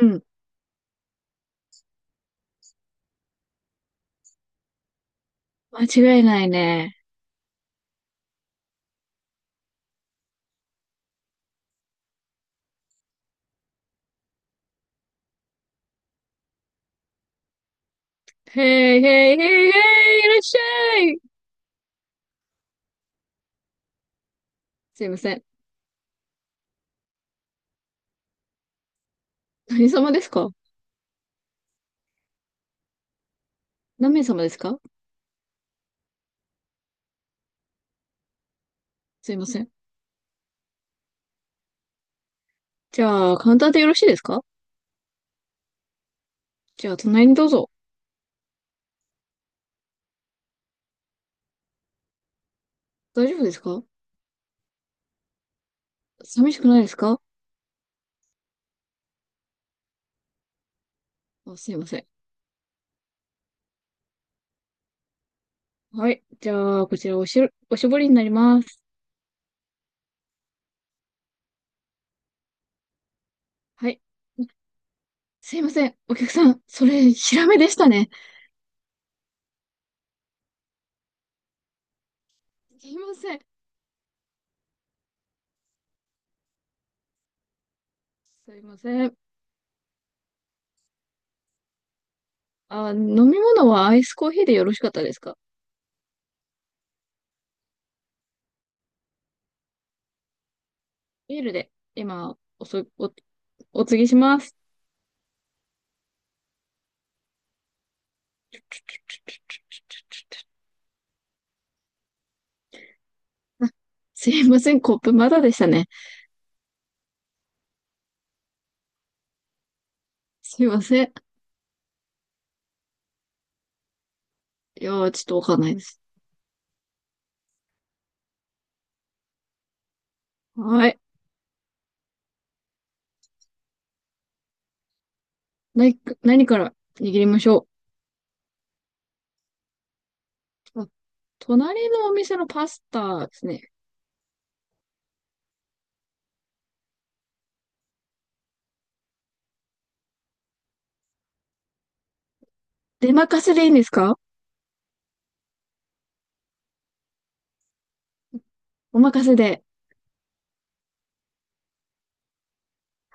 うん。間違いないね。へいへいへいへい、いらっしゃい。すいません。何様ですか？何名様ですか？すいません。じゃあ、カウンターでよろしいですか？じゃあ、隣にどうぞ。大丈夫ですか？寂しくないですか？あ、すいません。はい。じゃあ、こちらおしる、おしぼりになります。はい。すいません。お客さん、それ、ヒラメでしたね。すいません。すいません。飲み物はアイスコーヒーでよろしかったですか？ビールで、今、おそ、お、お継ぎします。あすいません、コップまだでしたね。すいません。いやー、ちょっとわかんないです。はい。何か、何から握りましょう。隣のお店のパスタですね。出任せでいいんですか？お任せで。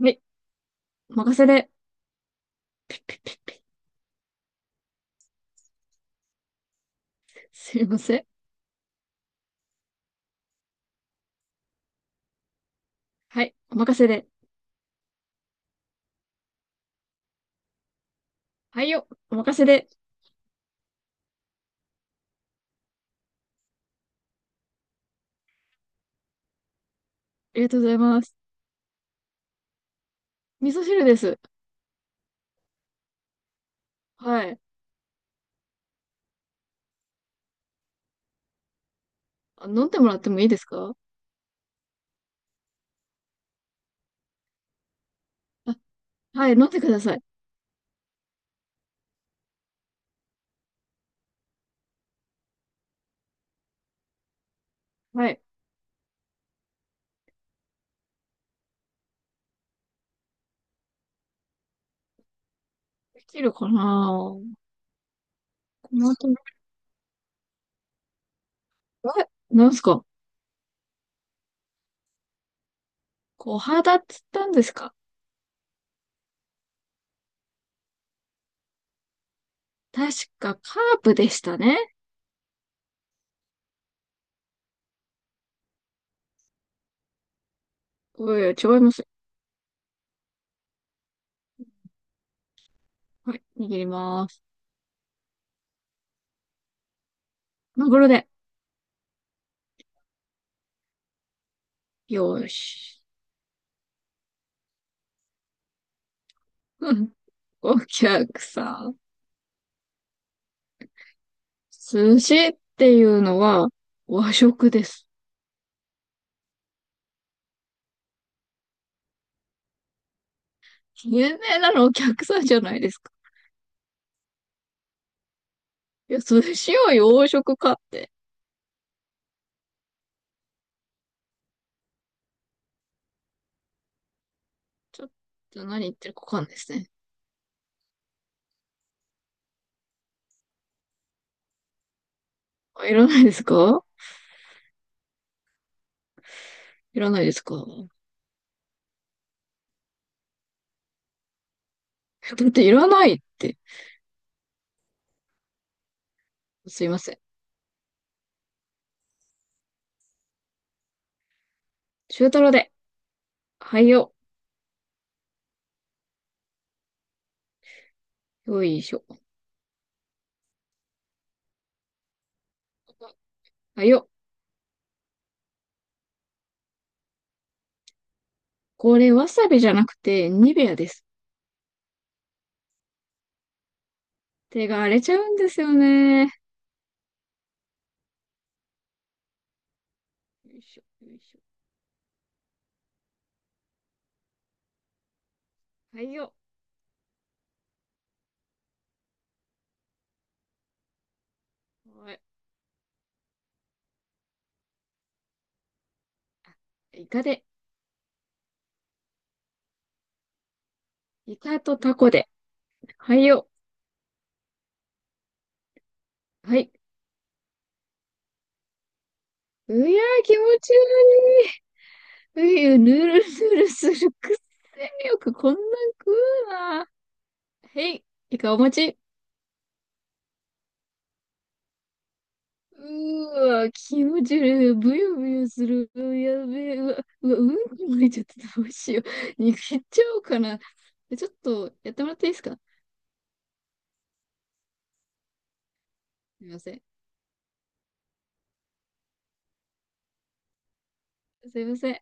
はい。お任せで。すいません。はい。お任せで。はいよ。お任せで。ありがとうございます。味噌汁です。はい。飲んでもらってもいいですか？あ、はい。飲んでください。はい。できるかな？この後、え、なんすか？小肌っつったんですか？確かカープでしたね。おいおい、違いますよ。はい、握ります。マグロで。よーし。うん、お客さん。寿司っていうのは和食です。有名なのお客さんじゃないですか。いや、寿司を洋食かって。ちょっと何言ってるかわかんないですね。あ、いらないですか？いらないですかだっていらないって。すいません。中トロで。はいよ。よいしょ。あよ、これわさびじゃなくてニベアです。手が荒れちゃうんですよね。よいしょ、よいしょ。はいよ。はい。イカで、イカとタコで。はいよ。はい。うやー、気持ち悪い。うゆ、ぬるぬるする。くっせよくこんなん食うな。へい、イカお待ち。うーわ、気持ち悪い。ぶよぶよする。うやべえ。うわ、うわ、うんこ漏れちゃってたどうしよう。逃っちゃおうかな。ちょっとやってもらっていいですか？すいません。すいません。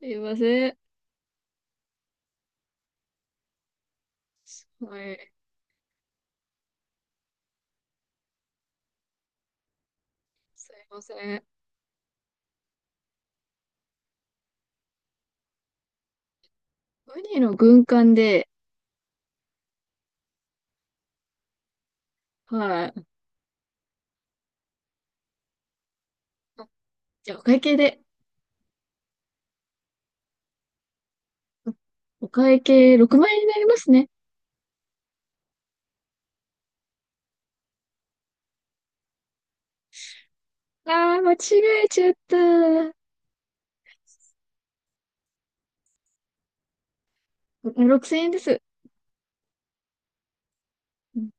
すいません。はい。すいません。ウニの軍艦で、はい。あじゃあ、お会計で。お会計6万円になりますね。ああ、間違えちゃった。6000円です。うん、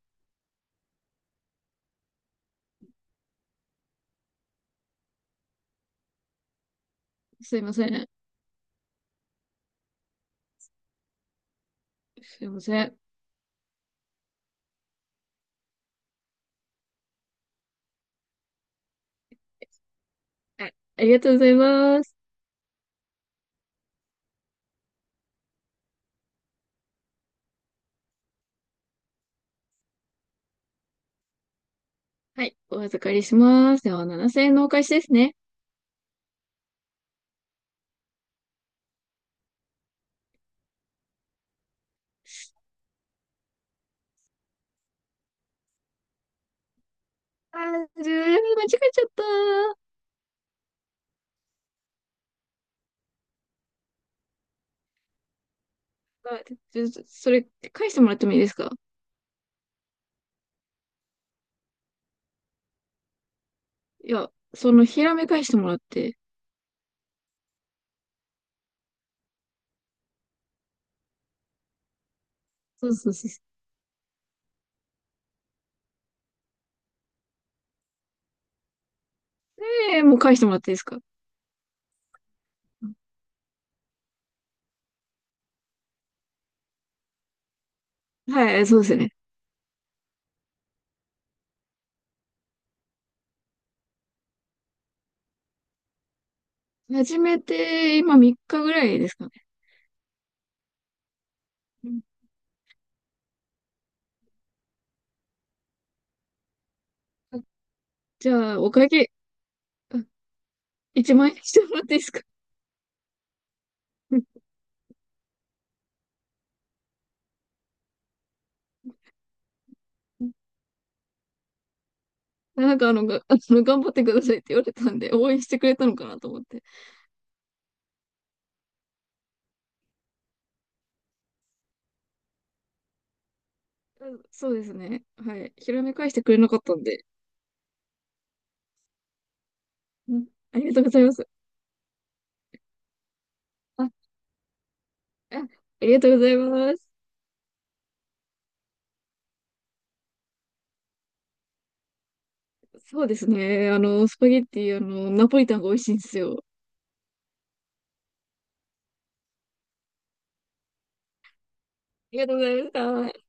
すいません。すいません。はい。ありがとうございます。はい。お預かりします。では、7000円のお返しですね。ああ、ずー間違えちゃった。あ、ちそれ、返してもらってもいいですか？いや、その、ひらめ返してもらって。そうそうそう、えーもう返してもらっていいですか？はい、そうですね。始めて、今3日ぐらいですかね。うん、あじゃあ、お会計、あ1万円してもらっていいですか？うん。 なんかあの、頑張ってくださいって言われたんで、応援してくれたのかなと思って。うん、そうですね。はい。ひらめ返してくれなかったんで。うん、ありがとうございます。あ、あ、ありがとうございます。そうですね。あの、スパゲッティ、あの、ナポリタンが美味しいんですよ。ありがとうございました。